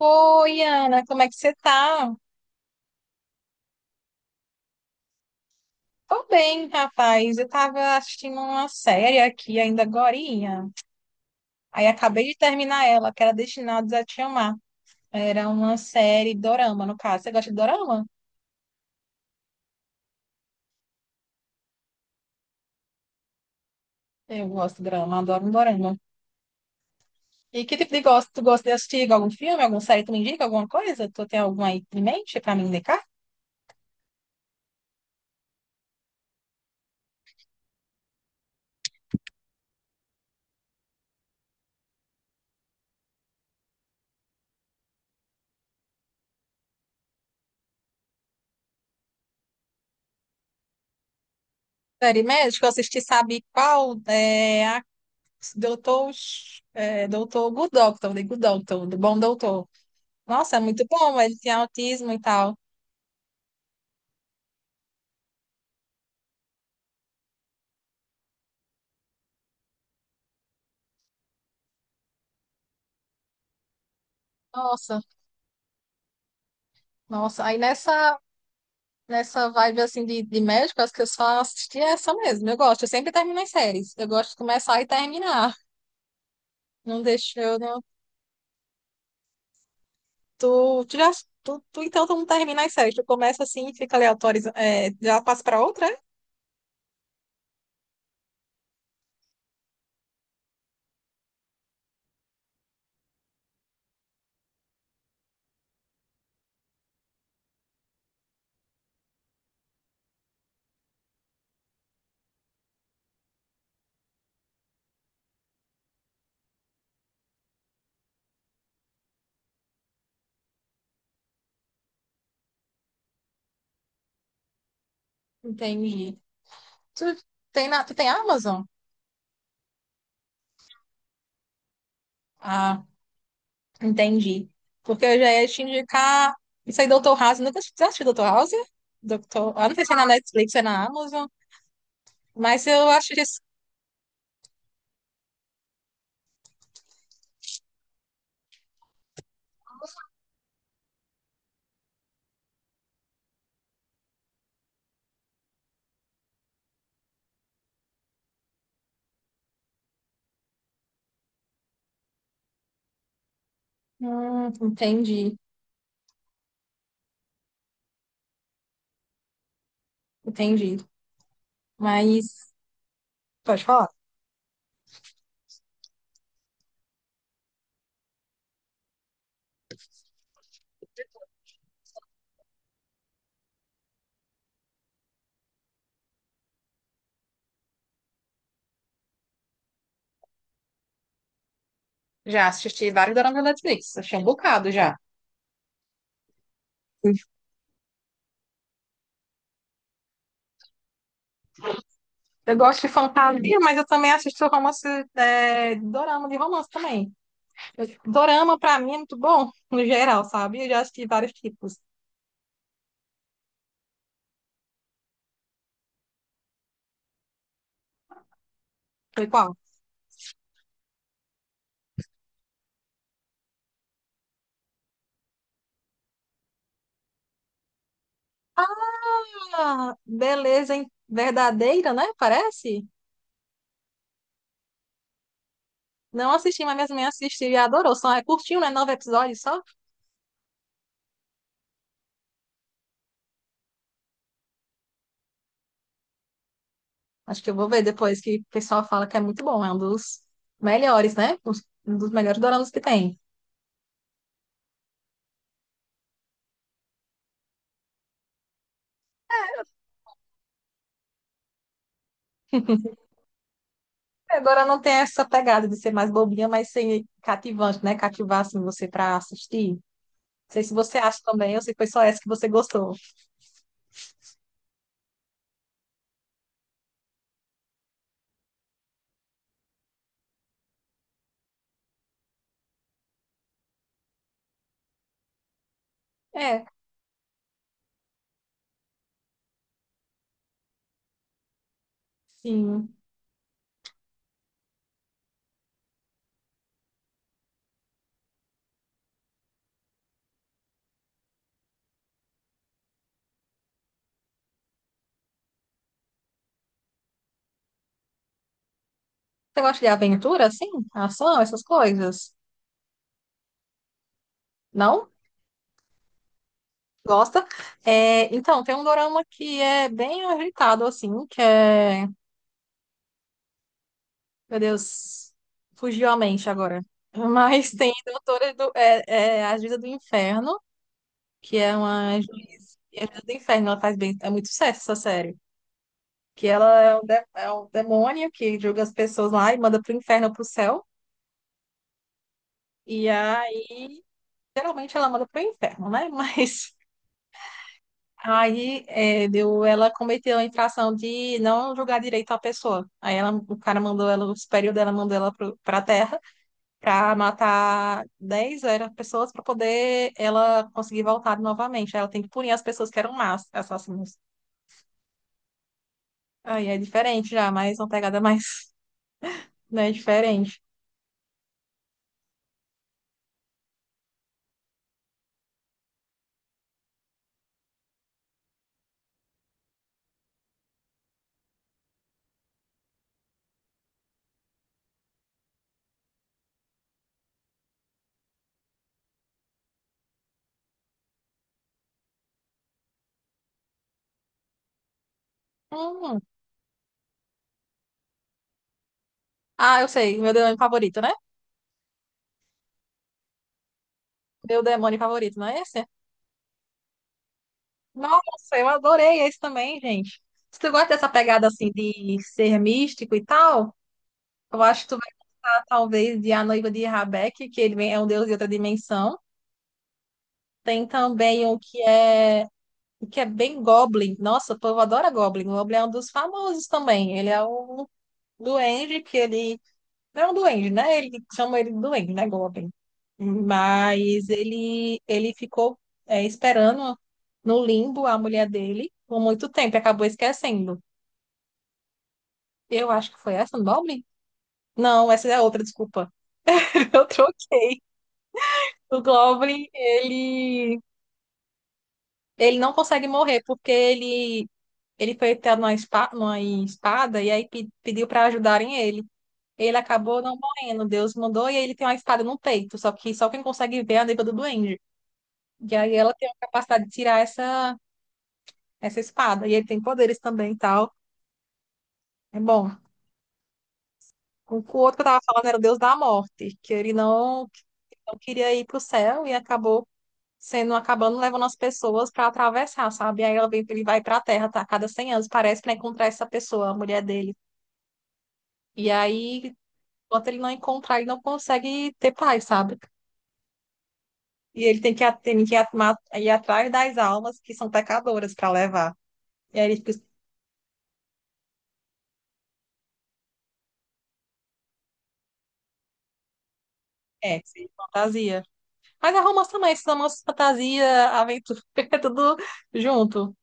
Oi, Ana, como é que você tá? Tô bem, rapaz. Eu tava assistindo uma série aqui ainda agorinha. Aí acabei de terminar ela, que era Destinados a Te Amar. Era uma série dorama, no caso. Você gosta de dorama? Eu gosto de dorama, adoro um dorama. E que tipo de gosto? Tu gosta de assistir algum filme, alguma série? Tu me indica alguma coisa? Tu tem alguma aí em mente pra me indicar? Série médica, que eu assisti, sabe qual? É a Doutor, Doutor Good Doctor, The Good Doctor, do Bom Doutor. Nossa, é muito bom, ele tem autismo e tal. Nossa, nossa. Aí nessa vibe assim de médico, acho que eu só assisti essa mesmo. Eu gosto, eu sempre termino as séries. Eu gosto de começar e terminar. Não deixo eu não. Tu já. Tu então tu não termina as séries. Tu começa assim e fica ali autorizando. É, já passa pra outra, é? Entendi. Tu tu tem Amazon? Ah, entendi. Porque eu já ia te indicar. Isso aí, Dr. House. Nunca já assistiu Dr. House? Dr. Ah, não sei se é na Netflix, é na Amazon. Mas eu acho que. Hum, entendi, entendi. Mas Pode falar. Já assisti vários doramas da Netflix, achei um bocado já. Eu gosto de fantasia, mas eu também assisto romance, dorama de romance também. Dorama, pra mim, é muito bom, no geral, sabe? Eu já assisti vários tipos. Foi qual? Ah, beleza hein? Verdadeira, né? Parece? Não assisti, mas minhas mães assistiram e adorou. Só é curtinho, né? Nove episódios só. Acho que eu vou ver depois que o pessoal fala que é muito bom, é um dos melhores, né? Um dos melhores doramas que tem. Agora não tem essa pegada de ser mais bobinha, mas ser cativante, né? Cativar assim, você pra assistir. Não sei se você acha também, ou se foi só essa que você gostou. É, sim. Você gosta de aventura, assim? Ação, essas coisas? Não? Gosta? É, então, tem um dorama que é bem agitado, assim, que é Meu Deus, fugiu a mente agora. Mas tem é a Juíza do Inferno, que é uma juiz. E A Juíza do Inferno, ela faz bem. É muito sucesso essa série. Que ela é um, de- É um demônio que julga as pessoas lá e manda pro inferno ou pro céu. E aí, geralmente ela manda pro inferno, né? Ela cometeu a infração de não julgar direito a pessoa. Aí ela, o cara mandou ela, o superior dela mandou ela pra terra. Para matar dez pessoas para poder ela conseguir voltar novamente. Aí ela tem que punir as pessoas que eram más assassinos. Aí é diferente já, mas uma pegada mais, né, diferente. Hum. Ah, eu sei, meu demônio favorito, né? Meu demônio favorito, não é esse? Nossa, eu adorei esse também, gente. Se tu gosta dessa pegada assim de ser místico e tal, eu acho que tu vai estar talvez de A Noiva de Rabeck, que é um deus de outra dimensão. Tem também o que é bem Goblin. Nossa, o povo adora Goblin. O Goblin é um dos famosos também. Ele é um duende que ele. Não é um duende, né? Ele chama ele de duende, né? Goblin. Mas ele ficou esperando no limbo a mulher dele por muito tempo e acabou esquecendo. Eu acho que foi essa, do Goblin? Não, essa é outra, desculpa. Eu troquei. O Goblin, ele. Ele não consegue morrer porque ele ele foi pego numa espada e aí pediu para ajudarem ele. Ele acabou não morrendo, Deus mandou e aí ele tem uma espada no peito, só que só quem consegue ver é a noiva do duende. E aí ela tem a capacidade de tirar essa espada. E ele tem poderes também e tal. É bom. O outro que eu tava falando era o Deus da Morte, que não queria ir pro céu e acabou acabando levando as pessoas para atravessar, sabe? Ele vai pra Terra, tá? A cada 100 anos, parece, para encontrar essa pessoa, a mulher dele. E aí enquanto ele não encontrar, ele não consegue ter paz, sabe? E ele tem tem que ir atrás das almas que são pecadoras para levar. E aí ele fica, assim, se fantasia. Mas é romance também, esses romances, fantasia, aventura, é tudo junto.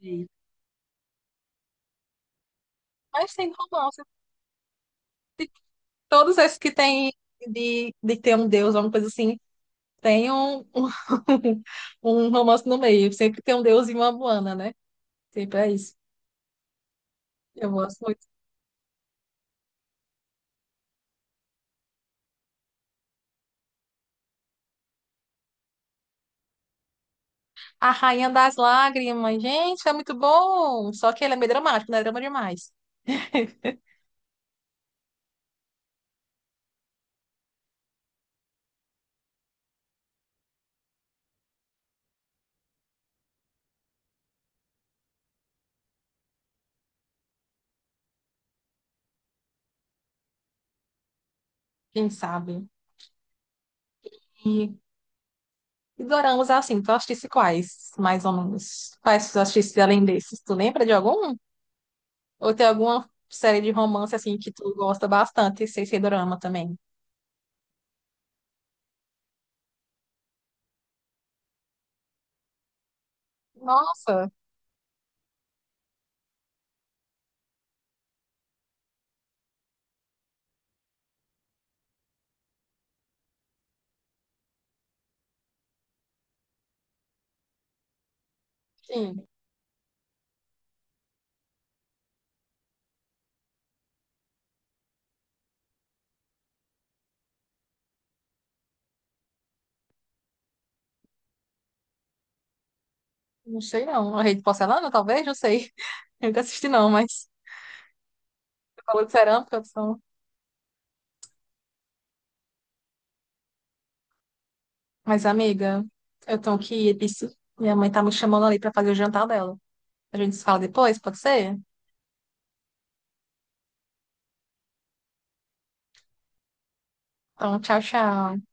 Sim. Mas tem romance. Todos esses que tem de ter um deus, alguma coisa assim, tem um, um romance no meio. Sempre tem um deus e uma Moana, né? Sempre é isso. Eu gosto muito. A Rainha das Lágrimas. Gente, é muito bom. Só que ele é meio dramático, não é drama demais. Quem sabe? E, e doramas assim, tu assistisse quais, mais ou menos? Quais tu assistisse além desses? Tu lembra de algum? Ou tem alguma série de romance assim que tu gosta bastante, sem ser dorama também? Nossa, sim. Não sei não. A Rede de Porcelana, talvez? Não sei. Eu nunca assisti não, mas... Tu falou de cerâmica, são... Mas, amiga, eu tenho que ir. Isso. Minha mãe tá me chamando ali pra fazer o jantar dela. A gente se fala depois, pode ser? Então, tchau, tchau.